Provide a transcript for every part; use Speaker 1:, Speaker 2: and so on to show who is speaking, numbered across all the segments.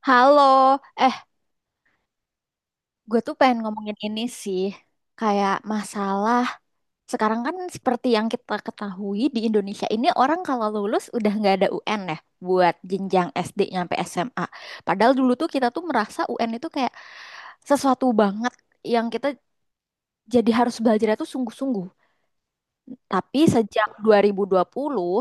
Speaker 1: Halo, eh, gue tuh pengen ngomongin ini sih, kayak masalah sekarang kan seperti yang kita ketahui di Indonesia ini orang kalau lulus udah nggak ada UN ya buat jenjang SD nyampe SMA. Padahal dulu tuh kita tuh merasa UN itu kayak sesuatu banget yang kita jadi harus belajar itu sungguh-sungguh. Tapi sejak 2020,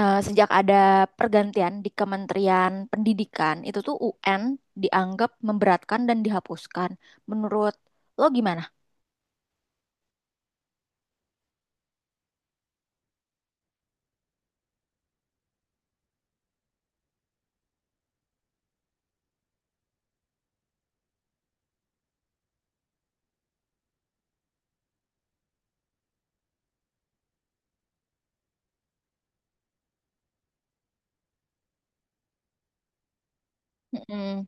Speaker 1: sejak ada pergantian di Kementerian Pendidikan, itu tuh UN dianggap memberatkan dan dihapuskan. Menurut lo gimana? Mm-mm.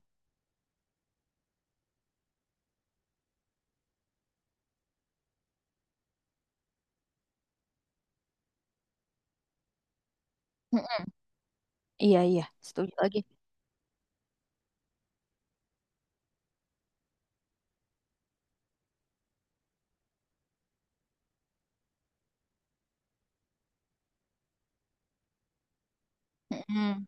Speaker 1: Mm-mm. Iya, iya, setuju lagi. Mm-mm.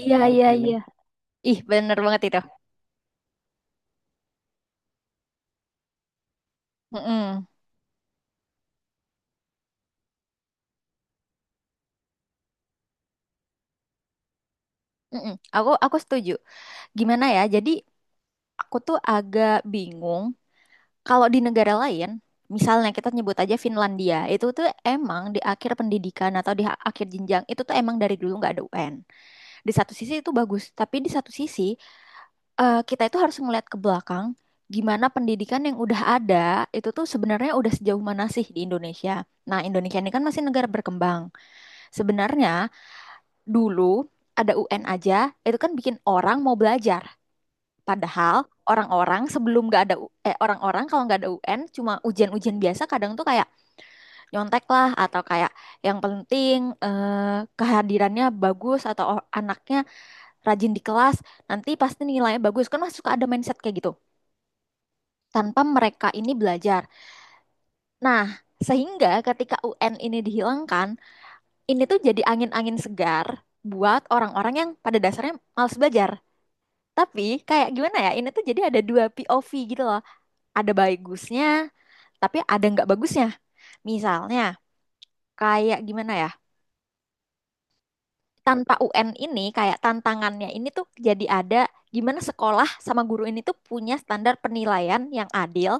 Speaker 1: Iya, iya, iya. Ih, bener banget itu. Mm-mm. Mm-mm. Aku setuju. Gimana ya? Jadi aku tuh agak bingung kalau di negara lain, misalnya kita nyebut aja Finlandia, itu tuh emang di akhir pendidikan atau di akhir jenjang itu tuh emang dari dulu nggak ada UN. Di satu sisi itu bagus, tapi di satu sisi kita itu harus melihat ke belakang gimana pendidikan yang udah ada itu tuh sebenarnya udah sejauh mana sih di Indonesia. Nah, Indonesia ini kan masih negara berkembang. Sebenarnya dulu ada UN aja, itu kan bikin orang mau belajar. Padahal orang-orang sebelum nggak ada orang-orang kalau nggak ada UN cuma ujian-ujian biasa kadang tuh kayak nyontek lah atau kayak yang penting kehadirannya bagus atau anaknya rajin di kelas, nanti pasti nilainya bagus. Kan masih suka ada mindset kayak gitu. Tanpa mereka ini belajar. Nah, sehingga ketika UN ini dihilangkan, ini tuh jadi angin-angin segar buat orang-orang yang pada dasarnya malas belajar. Tapi kayak gimana ya, ini tuh jadi ada dua POV gitu loh. Ada bagusnya, tapi ada nggak bagusnya. Misalnya, kayak gimana ya, tanpa UN ini kayak tantangannya ini tuh jadi ada gimana sekolah sama guru ini tuh punya standar penilaian yang adil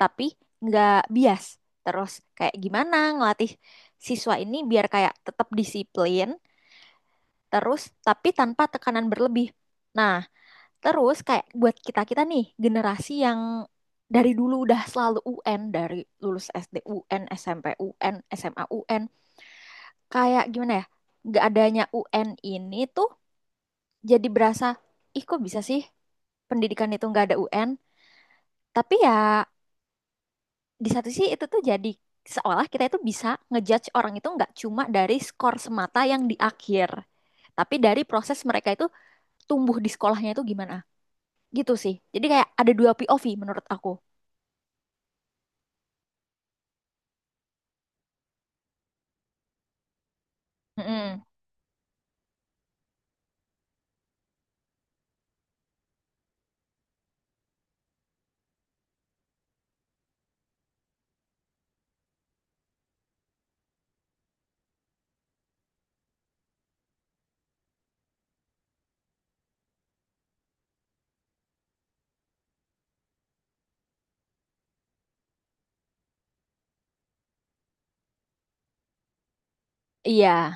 Speaker 1: tapi nggak bias. Terus kayak gimana ngelatih siswa ini biar kayak tetap disiplin terus tapi tanpa tekanan berlebih. Nah, terus kayak buat kita-kita nih generasi yang dari dulu udah selalu UN dari lulus SD UN, SMP UN, SMA UN, kayak gimana ya? Nggak adanya UN ini tuh jadi berasa ih kok bisa sih pendidikan itu nggak ada UN, tapi ya di satu sisi itu tuh jadi seolah kita itu bisa ngejudge orang itu nggak cuma dari skor semata yang di akhir, tapi dari proses mereka itu tumbuh di sekolahnya itu gimana, gitu sih jadi kayak ada dua POV menurut aku. Mm-mm. Iya.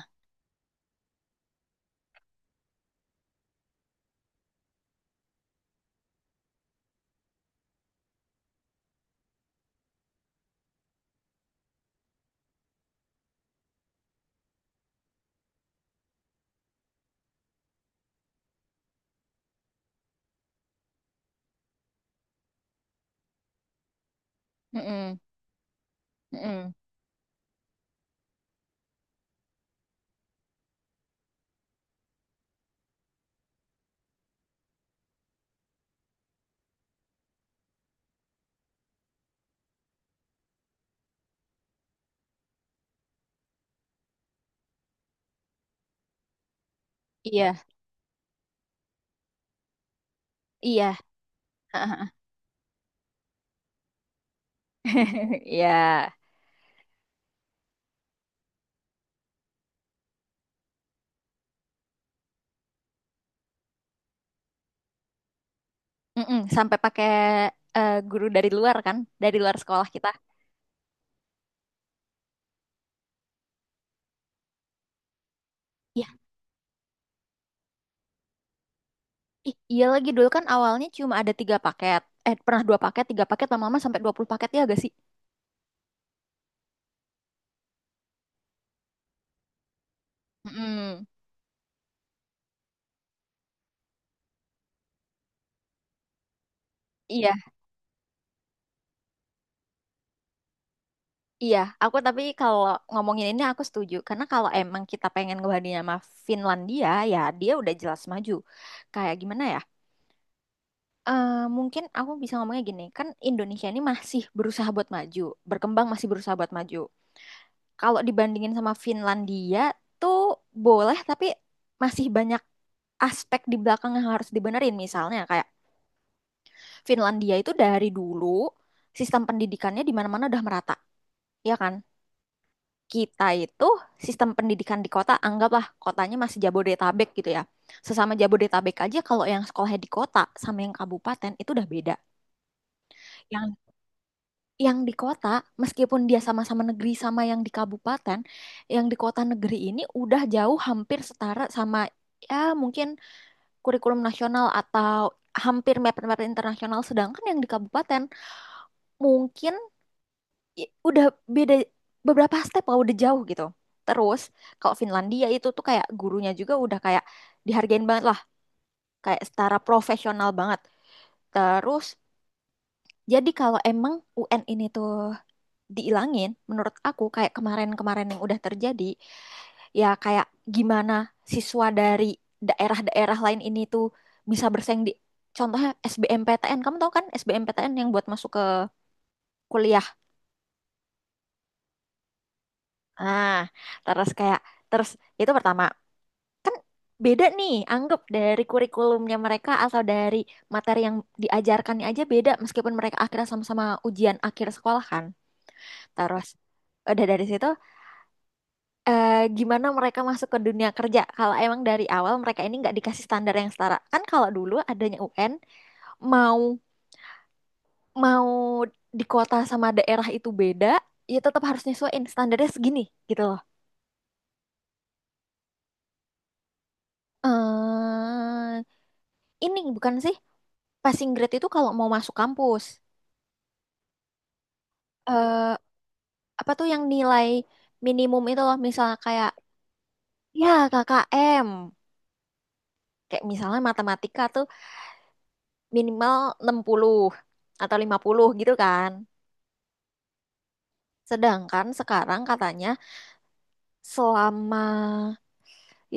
Speaker 1: Mm-mm. Mm-mm. Iya, iya. Iya. Mm-mm. Sampai pakai guru dari luar kan, dari luar sekolah kita. Ih, iya lagi dulu kan awalnya cuma ada tiga paket. Eh, pernah dua paket, tiga paket, lama-lama sampai 20 paket ya gak sih? Mm-mm. Iya, iya. Aku tapi kalau ngomongin ini aku setuju. Karena kalau emang kita pengen ngebandingin sama Finlandia, ya dia udah jelas maju. Kayak gimana ya? Eh, mungkin aku bisa ngomongnya gini, kan Indonesia ini masih berusaha buat maju, berkembang masih berusaha buat maju. Kalau dibandingin sama Finlandia tuh boleh, tapi masih banyak aspek di belakang yang harus dibenerin. Misalnya kayak Finlandia itu dari dulu sistem pendidikannya di mana-mana udah merata, ya kan? Kita itu sistem pendidikan di kota, anggaplah kotanya masih Jabodetabek gitu ya. Sesama Jabodetabek aja kalau yang sekolahnya di kota sama yang kabupaten itu udah beda. Yang yang di kota meskipun dia sama-sama negeri sama yang di kabupaten, yang di kota negeri ini udah jauh hampir setara sama, ya, mungkin kurikulum nasional atau hampir mepet-mepet internasional, sedangkan yang di kabupaten mungkin udah beda beberapa step lah, udah jauh gitu. Terus kalau Finlandia itu tuh kayak gurunya juga udah kayak dihargain banget lah, kayak setara profesional banget. Terus jadi kalau emang UN ini tuh diilangin, menurut aku kayak kemarin-kemarin yang udah terjadi, ya kayak gimana siswa dari daerah-daerah lain ini tuh bisa bersaing di contohnya SBMPTN. Kamu tahu kan SBMPTN yang buat masuk ke kuliah. Nah, terus kayak terus itu pertama. Beda nih, anggap dari kurikulumnya mereka atau dari materi yang diajarkannya aja beda meskipun mereka akhirnya sama-sama ujian akhir sekolah kan. Terus udah dari situ, eh, gimana mereka masuk ke dunia kerja kalau emang dari awal mereka ini nggak dikasih standar yang setara. Kan kalau dulu adanya UN, mau mau di kota sama daerah itu beda, ya tetap harus nyesuaiin standarnya segini gitu loh. Eh, ini bukan sih, passing grade itu kalau mau masuk kampus. Eh, apa tuh yang nilai minimum itu loh, misalnya kayak, ya, KKM, kayak misalnya matematika tuh minimal 60 atau 50 gitu kan, sedangkan sekarang katanya selama,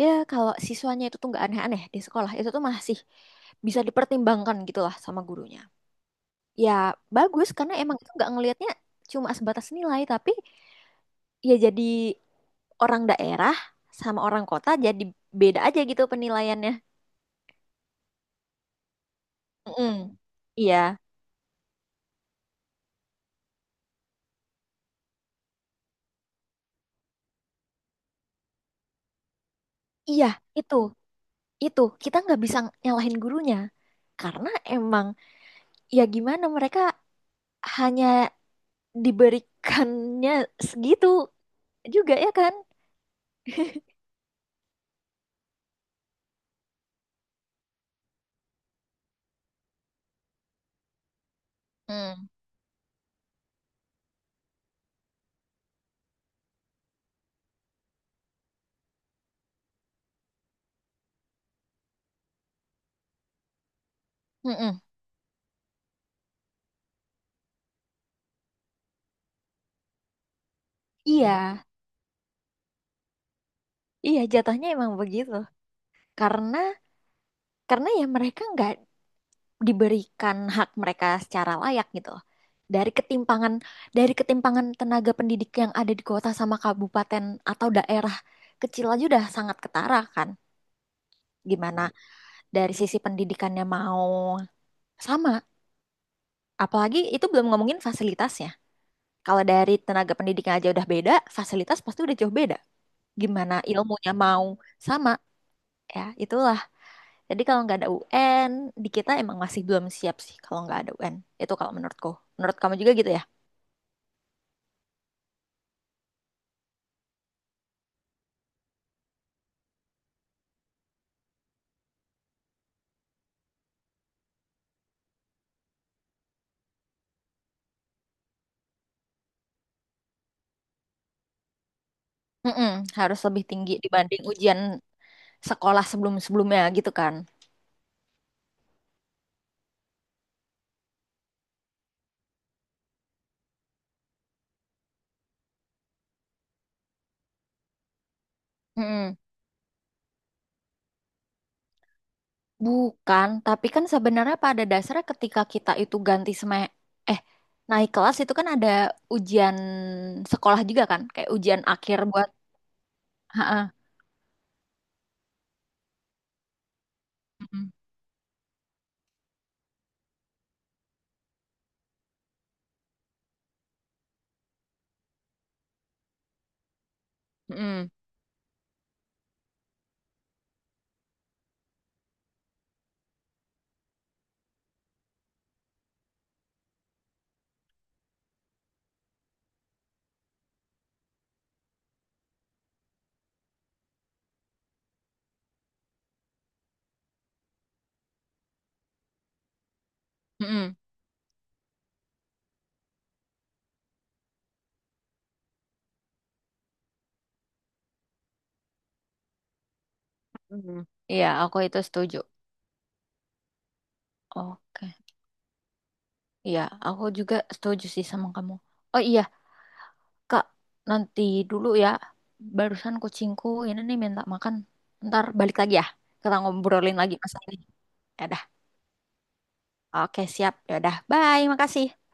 Speaker 1: ya, kalau siswanya itu tuh nggak aneh-aneh di sekolah itu tuh masih bisa dipertimbangkan gitu lah sama gurunya, ya bagus karena emang itu nggak ngelihatnya cuma sebatas nilai, tapi ya jadi orang daerah sama orang kota jadi beda aja gitu penilaiannya. Mm-mm. Iya. Iya, itu, itu kita nggak bisa nyalahin gurunya karena emang ya gimana mereka hanya diberikannya segitu juga ya kan? Mm. Mm-mm. Iya, iya jatuhnya emang begitu karena karena ya mereka nggak diberikan hak mereka secara layak gitu, dari ketimpangan dari ketimpangan tenaga pendidik yang ada di kota sama kabupaten atau daerah kecil aja udah sangat ketara kan? Gimana dari sisi pendidikannya mau sama. Apalagi itu belum ngomongin fasilitasnya. Kalau dari tenaga pendidikan aja udah beda, fasilitas pasti udah jauh beda. Gimana ilmunya mau sama, ya itulah. Jadi kalau nggak ada UN, di kita emang masih belum siap sih kalau nggak ada UN. Itu kalau menurutku. Menurut kamu juga gitu ya? Mm-mm, harus lebih tinggi dibanding ujian sekolah sebelum-sebelumnya gitu kan. Mm-mm. Bukan, tapi kan sebenarnya pada dasarnya ketika kita itu ganti seme eh naik kelas itu kan ada ujian sekolah juga kan, kayak ujian akhir buat ha Hmm. Iya, aku itu setuju. Oke. Iya, aku juga setuju sih sama kamu. Oh iya, Kak, nanti dulu ya. Barusan kucingku ini nih minta makan. Ntar balik lagi ya. Kita ngobrolin lagi masalah ini. Ya udah. Oke, siap. Ya udah. Bye, makasih.